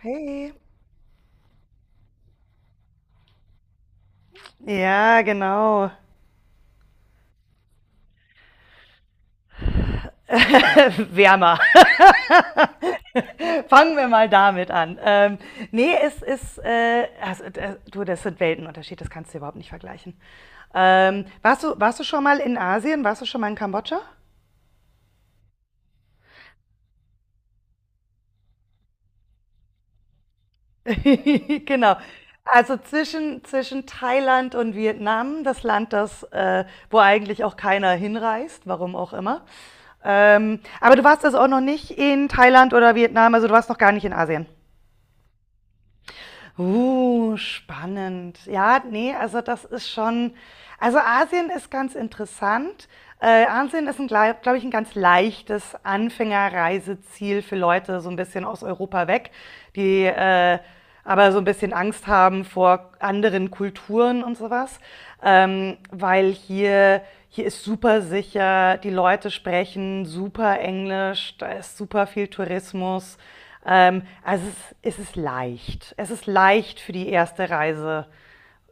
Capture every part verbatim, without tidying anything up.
Hey. Ja, genau. Wärmer. Fangen wir mal damit an. Ähm, nee, es ist, äh, also, äh, du, das sind Weltenunterschied, das kannst du überhaupt nicht vergleichen. Ähm, warst du, warst du schon mal in Asien? Warst du schon mal in Kambodscha? Genau. Also zwischen, zwischen Thailand und Vietnam, das Land, das, äh, wo eigentlich auch keiner hinreist, warum auch immer. Ähm, aber du warst also auch noch nicht in Thailand oder Vietnam, also du warst noch gar nicht in Asien. Uh, spannend. Ja, nee, also das ist schon, Also Asien ist ganz interessant. Äh, Asien ist, glaube ich, ein ganz leichtes Anfängerreiseziel für Leute so ein bisschen aus Europa weg, die äh, aber so ein bisschen Angst haben vor anderen Kulturen und sowas, ähm, weil hier, hier ist super sicher, die Leute sprechen super Englisch, da ist super viel Tourismus. Ähm, also es ist, es ist leicht. Es ist leicht für die erste Reise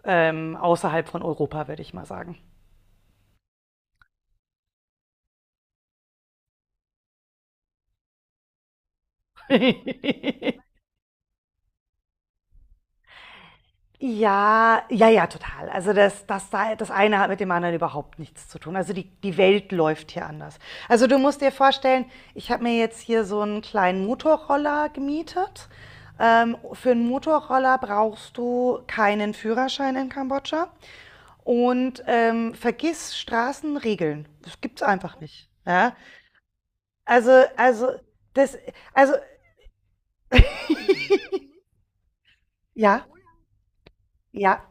ähm, außerhalb von Europa, würde ich mal sagen. Ja, ja, ja, total. Also das, das, das eine hat mit dem anderen überhaupt nichts zu tun. Also die, die Welt läuft hier anders. Also du musst dir vorstellen, ich habe mir jetzt hier so einen kleinen Motorroller gemietet. Ähm, für einen Motorroller brauchst du keinen Führerschein in Kambodscha. Und ähm, vergiss Straßenregeln. Das gibt's einfach nicht. Ja? Also, also, das, also, ja, ja.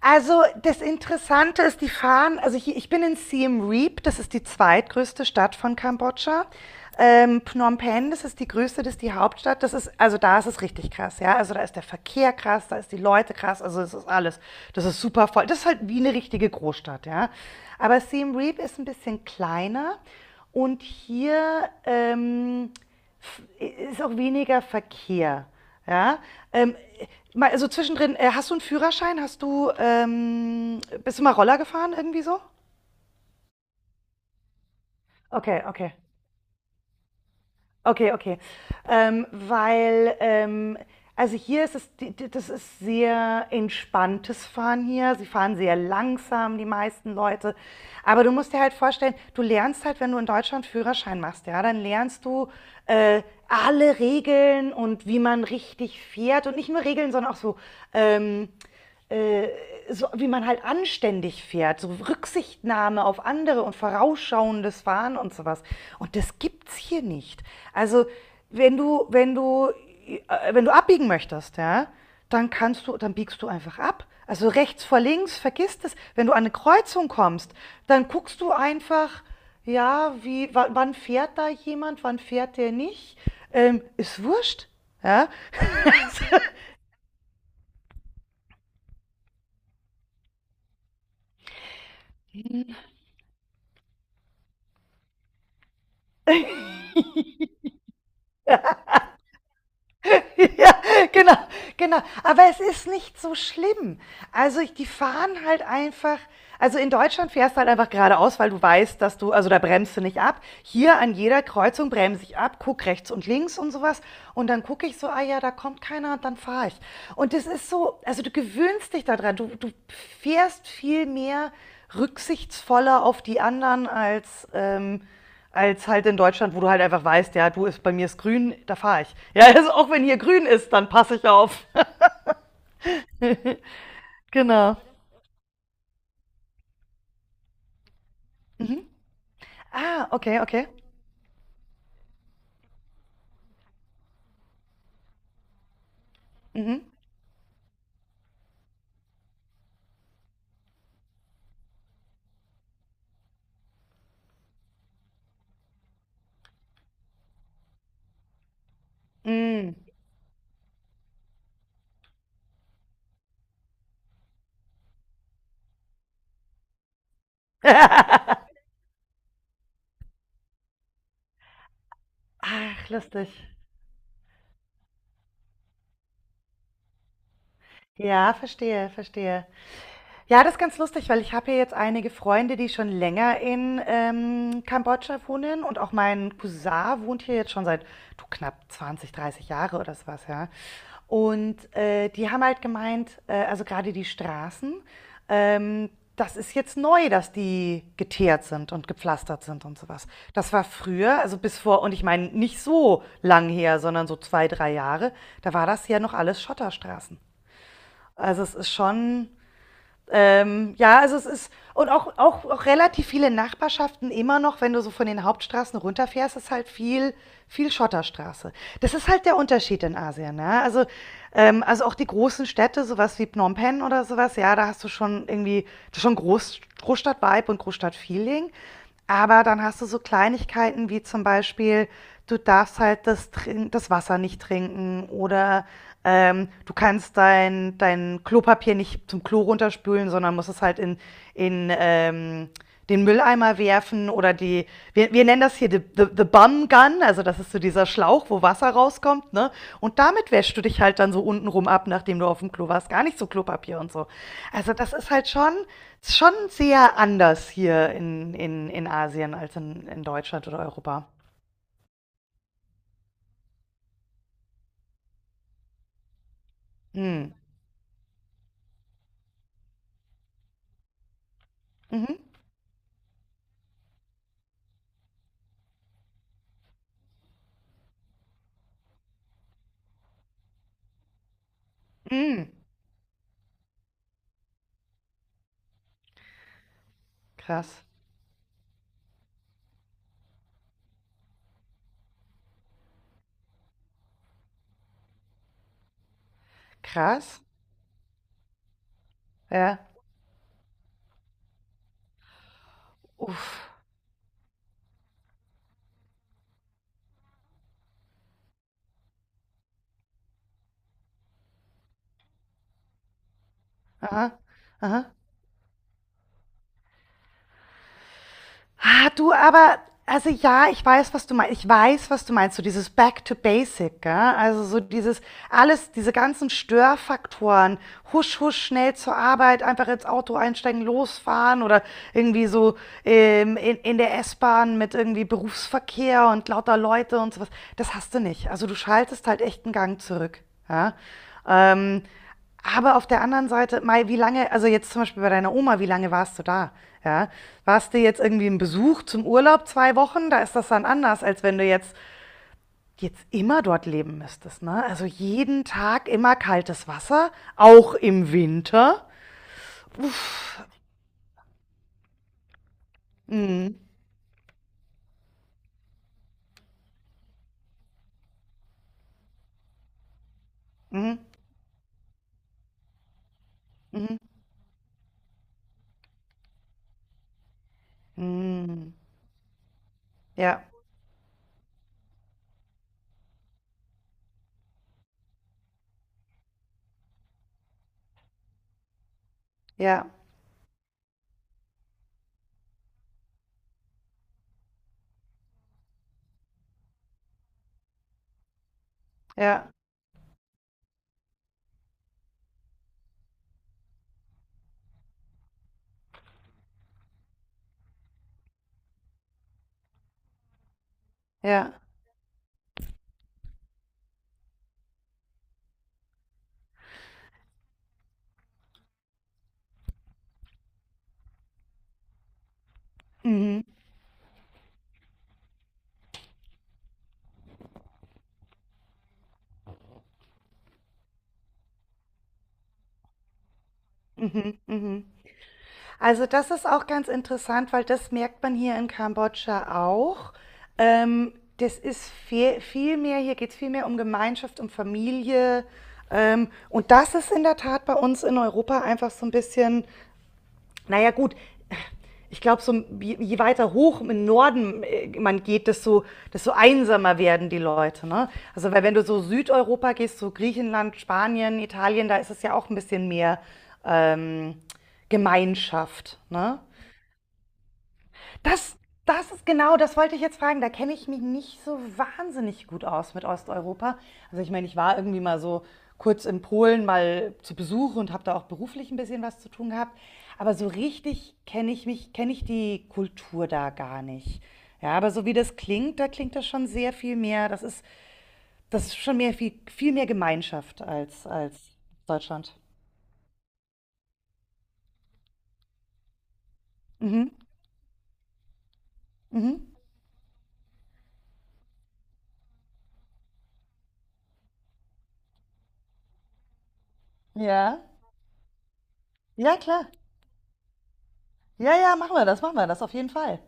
Also, das Interessante ist, die fahren, also hier, ich bin in Siem Reap, das ist die zweitgrößte Stadt von Kambodscha. Ähm, Phnom Penh, das ist die größte, das ist die Hauptstadt. Das ist, also da ist es richtig krass, ja. Also da ist der Verkehr krass, da ist die Leute krass, also es ist alles. Das ist super voll. Das ist halt wie eine richtige Großstadt, ja. Aber Siem Reap ist ein bisschen kleiner und hier ähm, ist auch weniger Verkehr. Ja, ähm, mal, also zwischendrin, äh, hast du einen Führerschein? Hast du, ähm, bist du mal Roller gefahren irgendwie so? Okay, okay. Okay, okay. Ähm, weil, ähm, also hier ist es, die- die- das ist sehr entspanntes Fahren hier. Sie fahren sehr langsam, die meisten Leute. Aber du musst dir halt vorstellen, du lernst halt, wenn du in Deutschland Führerschein machst, ja, dann lernst du äh, alle Regeln und wie man richtig fährt. Und nicht nur Regeln, sondern auch so ähm, äh, so wie man halt anständig fährt, so Rücksichtnahme auf andere und vorausschauendes Fahren und sowas. Und das gibt's hier nicht. Also wenn du, wenn du, äh, wenn du abbiegen möchtest, ja, dann kannst du, dann biegst du einfach ab. Also rechts vor links, vergiss das. Wenn du an eine Kreuzung kommst, dann guckst du einfach, ja, wie, wann fährt da jemand, wann fährt der nicht. Ähm, ist wurscht. Ja? ja, genau, genau. Aber es ist nicht so schlimm. Also ich, die fahren halt einfach. Also in Deutschland fährst du halt einfach geradeaus, weil du weißt, dass du, also da bremst du nicht ab. Hier an jeder Kreuzung bremse ich ab, guck rechts und links und sowas. Und dann gucke ich so, ah ja, da kommt keiner und dann fahre ich. Und das ist so, also du gewöhnst dich daran. Du, du fährst viel mehr rücksichtsvoller auf die anderen als ähm, als halt in Deutschland, wo du halt einfach weißt, ja, du ist bei mir ist grün, da fahre ich. Ja, also auch wenn hier grün ist, dann passe ich auf. Genau. Ah, okay, okay. Mhm. Mm. Ach, lustig. Ja, verstehe, verstehe. Ja, das ist ganz lustig, weil ich habe ja jetzt einige Freunde, die schon länger in, ähm, Kambodscha wohnen und auch mein Cousin wohnt hier jetzt schon seit, du, knapp zwanzig, dreißig Jahre oder so was, ja. Und, äh, die haben halt gemeint, äh, also gerade die Straßen, ähm, das ist jetzt neu, dass die geteert sind und gepflastert sind und so was. Das war früher, also bis vor und ich meine nicht so lang her, sondern so zwei, drei Jahre, da war das ja noch alles Schotterstraßen. Also, es ist schon ähm, ja, also es ist, und auch, auch, auch relativ viele Nachbarschaften immer noch, wenn du so von den Hauptstraßen runterfährst, ist halt viel, viel Schotterstraße. Das ist halt der Unterschied in Asien, ne? Also, ähm, also auch die großen Städte, sowas wie Phnom Penh oder sowas, ja, da hast du schon irgendwie, das ist schon Groß, Großstadt-Vibe und Großstadt-Feeling. Aber dann hast du so Kleinigkeiten wie zum Beispiel, du darfst halt das, Trin- das Wasser nicht trinken oder ähm, du kannst dein, dein Klopapier nicht zum Klo runterspülen, sondern musst es halt in, in ähm, den Mülleimer werfen oder die, wir, wir nennen das hier the, the, the Bum Gun, also das ist so dieser Schlauch, wo Wasser rauskommt, ne? Und damit wäschst du dich halt dann so untenrum ab, nachdem du auf dem Klo warst. Gar nicht so Klopapier und so. Also das ist halt schon ist schon sehr anders hier in, in, in Asien als in, in Deutschland oder Europa. Mhm. Mhm. Mhm. Krass. Krass. Ja. Uff. Aha. Aha. Ah, du, aber, also ja, ich weiß, was du meinst. Ich weiß, was du meinst. So dieses Back to Basic, gell? Also so dieses, alles, diese ganzen Störfaktoren. Husch, husch, schnell zur Arbeit, einfach ins Auto einsteigen, losfahren oder irgendwie so ähm, in, in der S-Bahn mit irgendwie Berufsverkehr und lauter Leute und sowas. Das hast du nicht. Also du schaltest halt echt einen Gang zurück. Ja? Ähm, aber auf der anderen Seite, Mai, wie lange, also jetzt zum Beispiel bei deiner Oma, wie lange warst du da? Ja, warst du jetzt irgendwie im Besuch zum Urlaub zwei Wochen? Da ist das dann anders, als wenn du jetzt, jetzt immer dort leben müsstest. Ne? Also jeden Tag immer kaltes Wasser, auch im Winter. Uff. Mhm. Mhm. Mhm. Mhm. Ja, ja, ja, ja. Mhm. Mhm. Mhm. Also das ist auch ganz interessant, weil das merkt man hier in Kambodscha auch. Ähm, das ist viel, viel mehr, hier geht es viel mehr um Gemeinschaft, um Familie. Ähm, und das ist in der Tat bei uns in Europa einfach so ein bisschen naja gut, ich glaube, so, je, weiter hoch im Norden äh, man geht, desto, desto einsamer werden die Leute. Ne? Also weil wenn du so Südeuropa gehst, so Griechenland, Spanien, Italien, da ist es ja auch ein bisschen mehr ähm, Gemeinschaft. Ne? Das, das ist genau, das wollte ich jetzt fragen. Da kenne ich mich nicht so wahnsinnig gut aus mit Osteuropa. Also ich meine, ich war irgendwie mal so kurz in Polen mal zu Besuch und habe da auch beruflich ein bisschen was zu tun gehabt. Aber so richtig kenne ich mich, kenne ich die Kultur da gar nicht. Ja, aber so wie das klingt, da klingt das schon sehr viel mehr. Das ist, das ist schon mehr viel, viel mehr Gemeinschaft als, als Deutschland. Mhm. Mhm. Ja. Ja, klar. Ja, ja, machen wir das, machen wir das auf jeden Fall.